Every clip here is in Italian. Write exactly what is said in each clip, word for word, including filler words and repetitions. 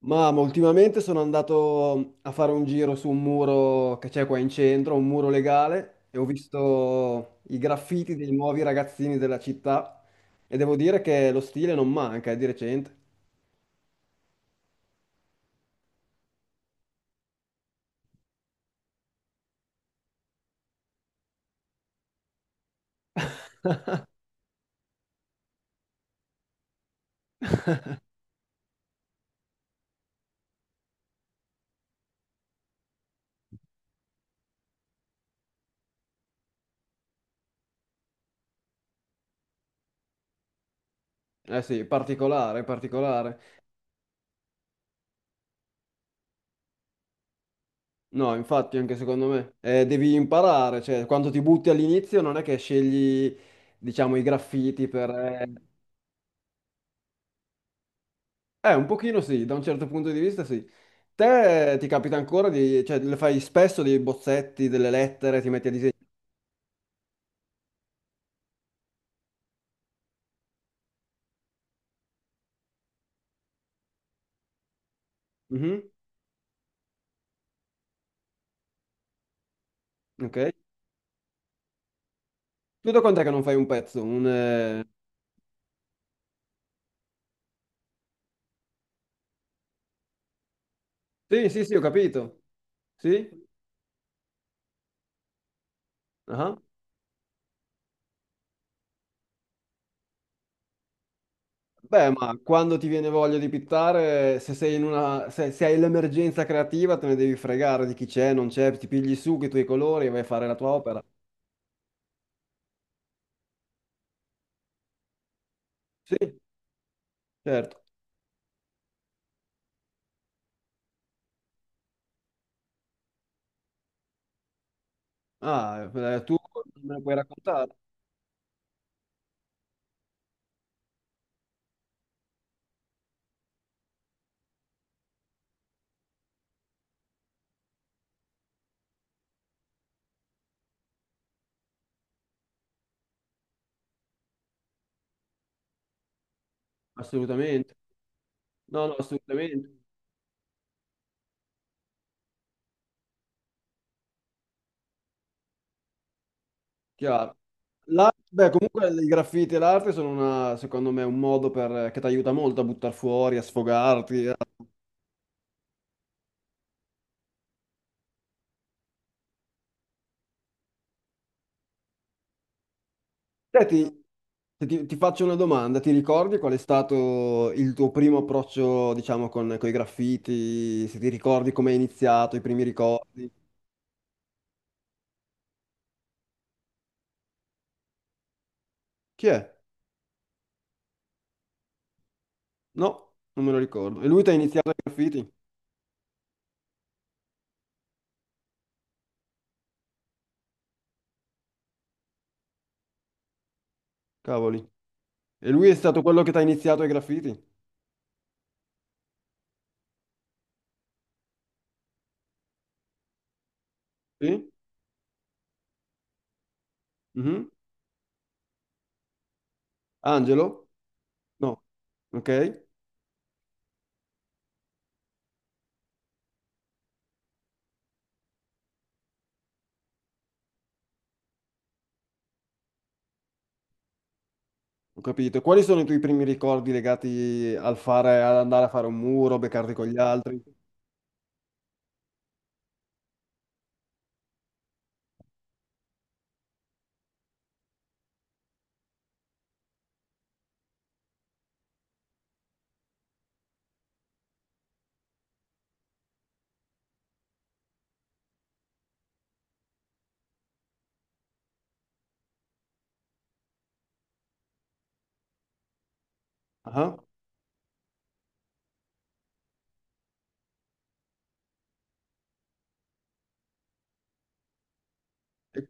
Ma ma ultimamente sono andato a fare un giro su un muro che c'è qua in centro, un muro legale, e ho visto i graffiti dei nuovi ragazzini della città e devo dire che lo stile non manca, è di recente. Eh sì, particolare, particolare. No, infatti anche secondo me. Eh, devi imparare, cioè quando ti butti all'inizio non è che scegli, diciamo, i graffiti per... eh, eh, un pochino sì, da un certo punto di vista sì. Te eh, ti capita ancora di, cioè, le fai spesso dei bozzetti, delle lettere, ti metti a disegnare? Mhm. Ok. Tu da quant'è che non fai un pezzo? Un, eh, sì, sì, sì, ho capito. Sì? Ah. Beh, ma quando ti viene voglia di pittare, se sei in una... se, se hai l'emergenza creativa, te ne devi fregare di chi c'è, non c'è, ti pigli su che i tuoi colori e vai a fare la tua opera. Sì, certo. Ah, eh, tu me lo puoi raccontare? Assolutamente. No, no, assolutamente. Chiaro. La- beh, comunque i graffiti e l'arte sono una- secondo me, un modo per- che ti aiuta molto a buttare fuori, a sfogarti. a- Senti, se ti, ti faccio una domanda, ti ricordi qual è stato il tuo primo approccio, diciamo, con, con i graffiti? Se ti ricordi come è iniziato, i primi ricordi? Chi è? No, non me lo ricordo. E lui ti ha iniziato ai graffiti? Cavoli. E lui è stato quello che ti ha iniziato ai graffiti? Sì? Mhm. Angelo? No. Ok. Ho capito. Quali sono i tuoi primi ricordi legati al fare, ad andare a fare un muro, beccarti con gli altri? Ah, eh,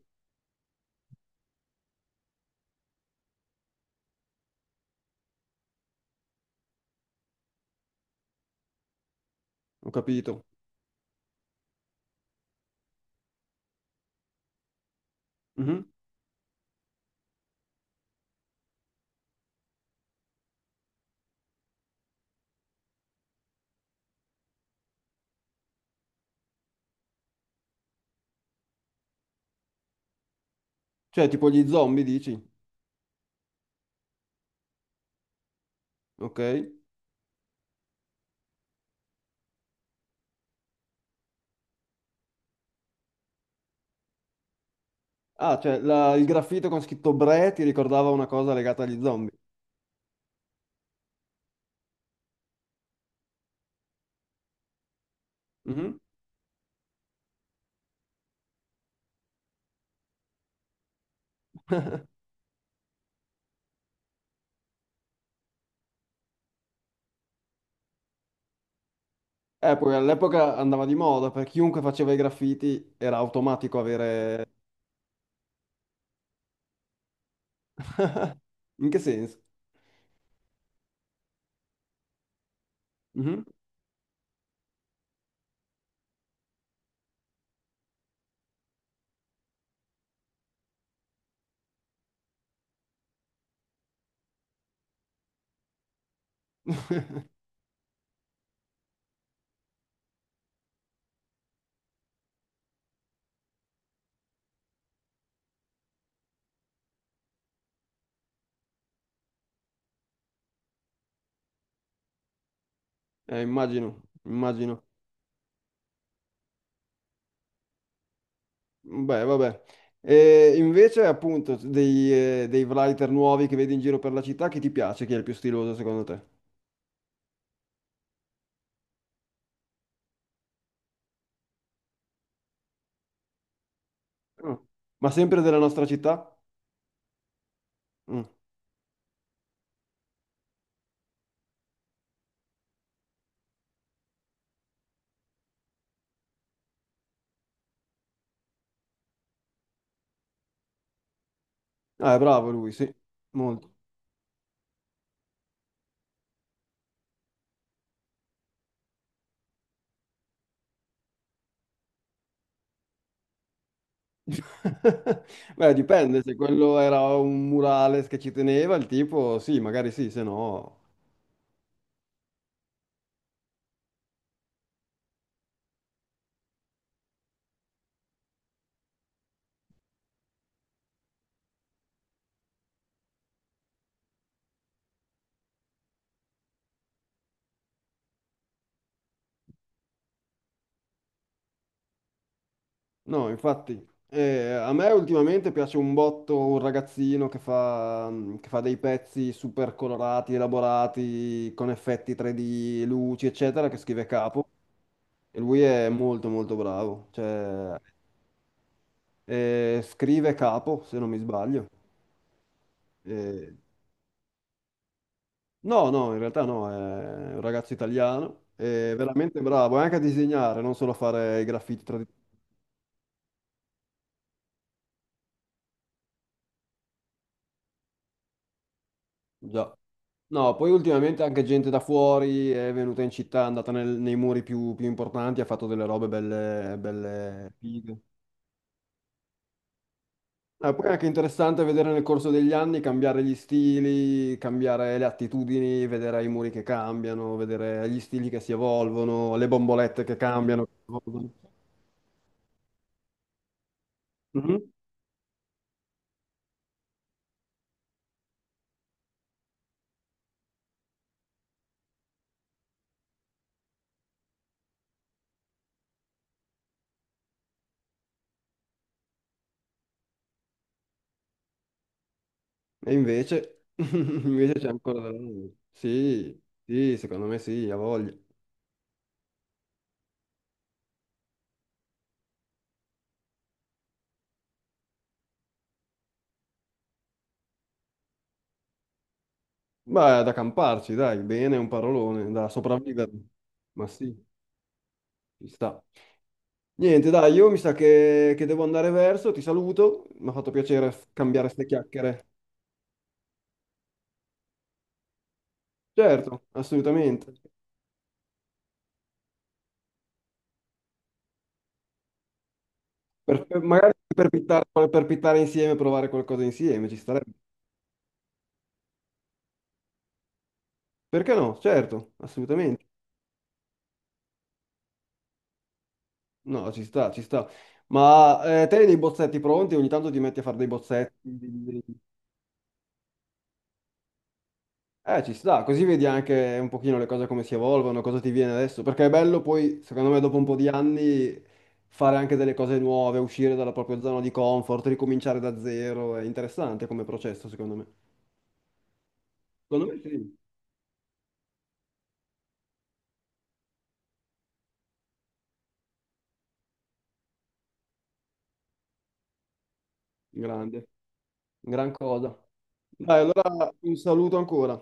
Ho capito. Mhm. Cioè, tipo gli zombie, dici? Ok. Ah, cioè, la- il graffito con scritto Bre ti ricordava una cosa legata agli zombie. Mhm. Eh, poi all'epoca andava di moda, per chiunque faceva i graffiti era automatico avere... In che senso? Mhm. Eh, immagino, immagino. Beh, vabbè. E invece, appunto, dei, eh, dei writer nuovi che vedi in giro per la città, chi ti piace? Chi è il più stiloso secondo te? Mm. Ma sempre della nostra città? Mm. Ah, è bravo lui, sì, molto. Beh, dipende, se quello era un murales che ci teneva, il tipo, sì, magari sì, se no... No, infatti, eh, a me ultimamente piace un botto un ragazzino che fa, mm, che fa dei pezzi super colorati, elaborati, con effetti tre D, luci, eccetera, che scrive capo. E lui è molto molto bravo. Cioè, eh, scrive capo, se non mi sbaglio. Eh, no, no, in realtà no, è un ragazzo italiano, è veramente bravo, è anche a disegnare, non solo a fare i graffiti tradizionali. No, poi ultimamente anche gente da fuori è venuta in città, è andata nel- nei muri più, più importanti, ha fatto delle robe belle, belle fighe. Ah, poi è anche interessante vedere nel corso degli anni cambiare gli stili, cambiare le attitudini, vedere i muri che cambiano, vedere gli stili che si evolvono, le bombolette che cambiano. Che si evolvono. Mhm. E invece, invece c'è ancora della roba. Sì, sì, secondo me sì, ha voglia. Beh, è da camparci, dai, bene, è un parolone, da sopravvivere. Ma sì. Ci sta. Niente, dai, io mi sa che, che devo andare verso, ti saluto, mi ha fatto piacere f- cambiare ste chiacchiere. Certo, assolutamente. Per- per- magari per pittare, per pittare insieme, provare qualcosa insieme, ci starebbe. Perché no? Certo, assolutamente. No, ci sta, ci sta. Ma eh, te hai dei bozzetti pronti? Ogni tanto ti metti a fare dei bozzetti, eh, ci sta, così vedi anche un pochino le cose come si evolvono, cosa ti viene adesso, perché è bello poi, secondo me, dopo un po' di anni fare anche delle cose nuove, uscire dalla propria zona di comfort, ricominciare da zero, è interessante come processo, secondo me. Secondo me sì, grande, gran cosa. Dai, allora un saluto ancora.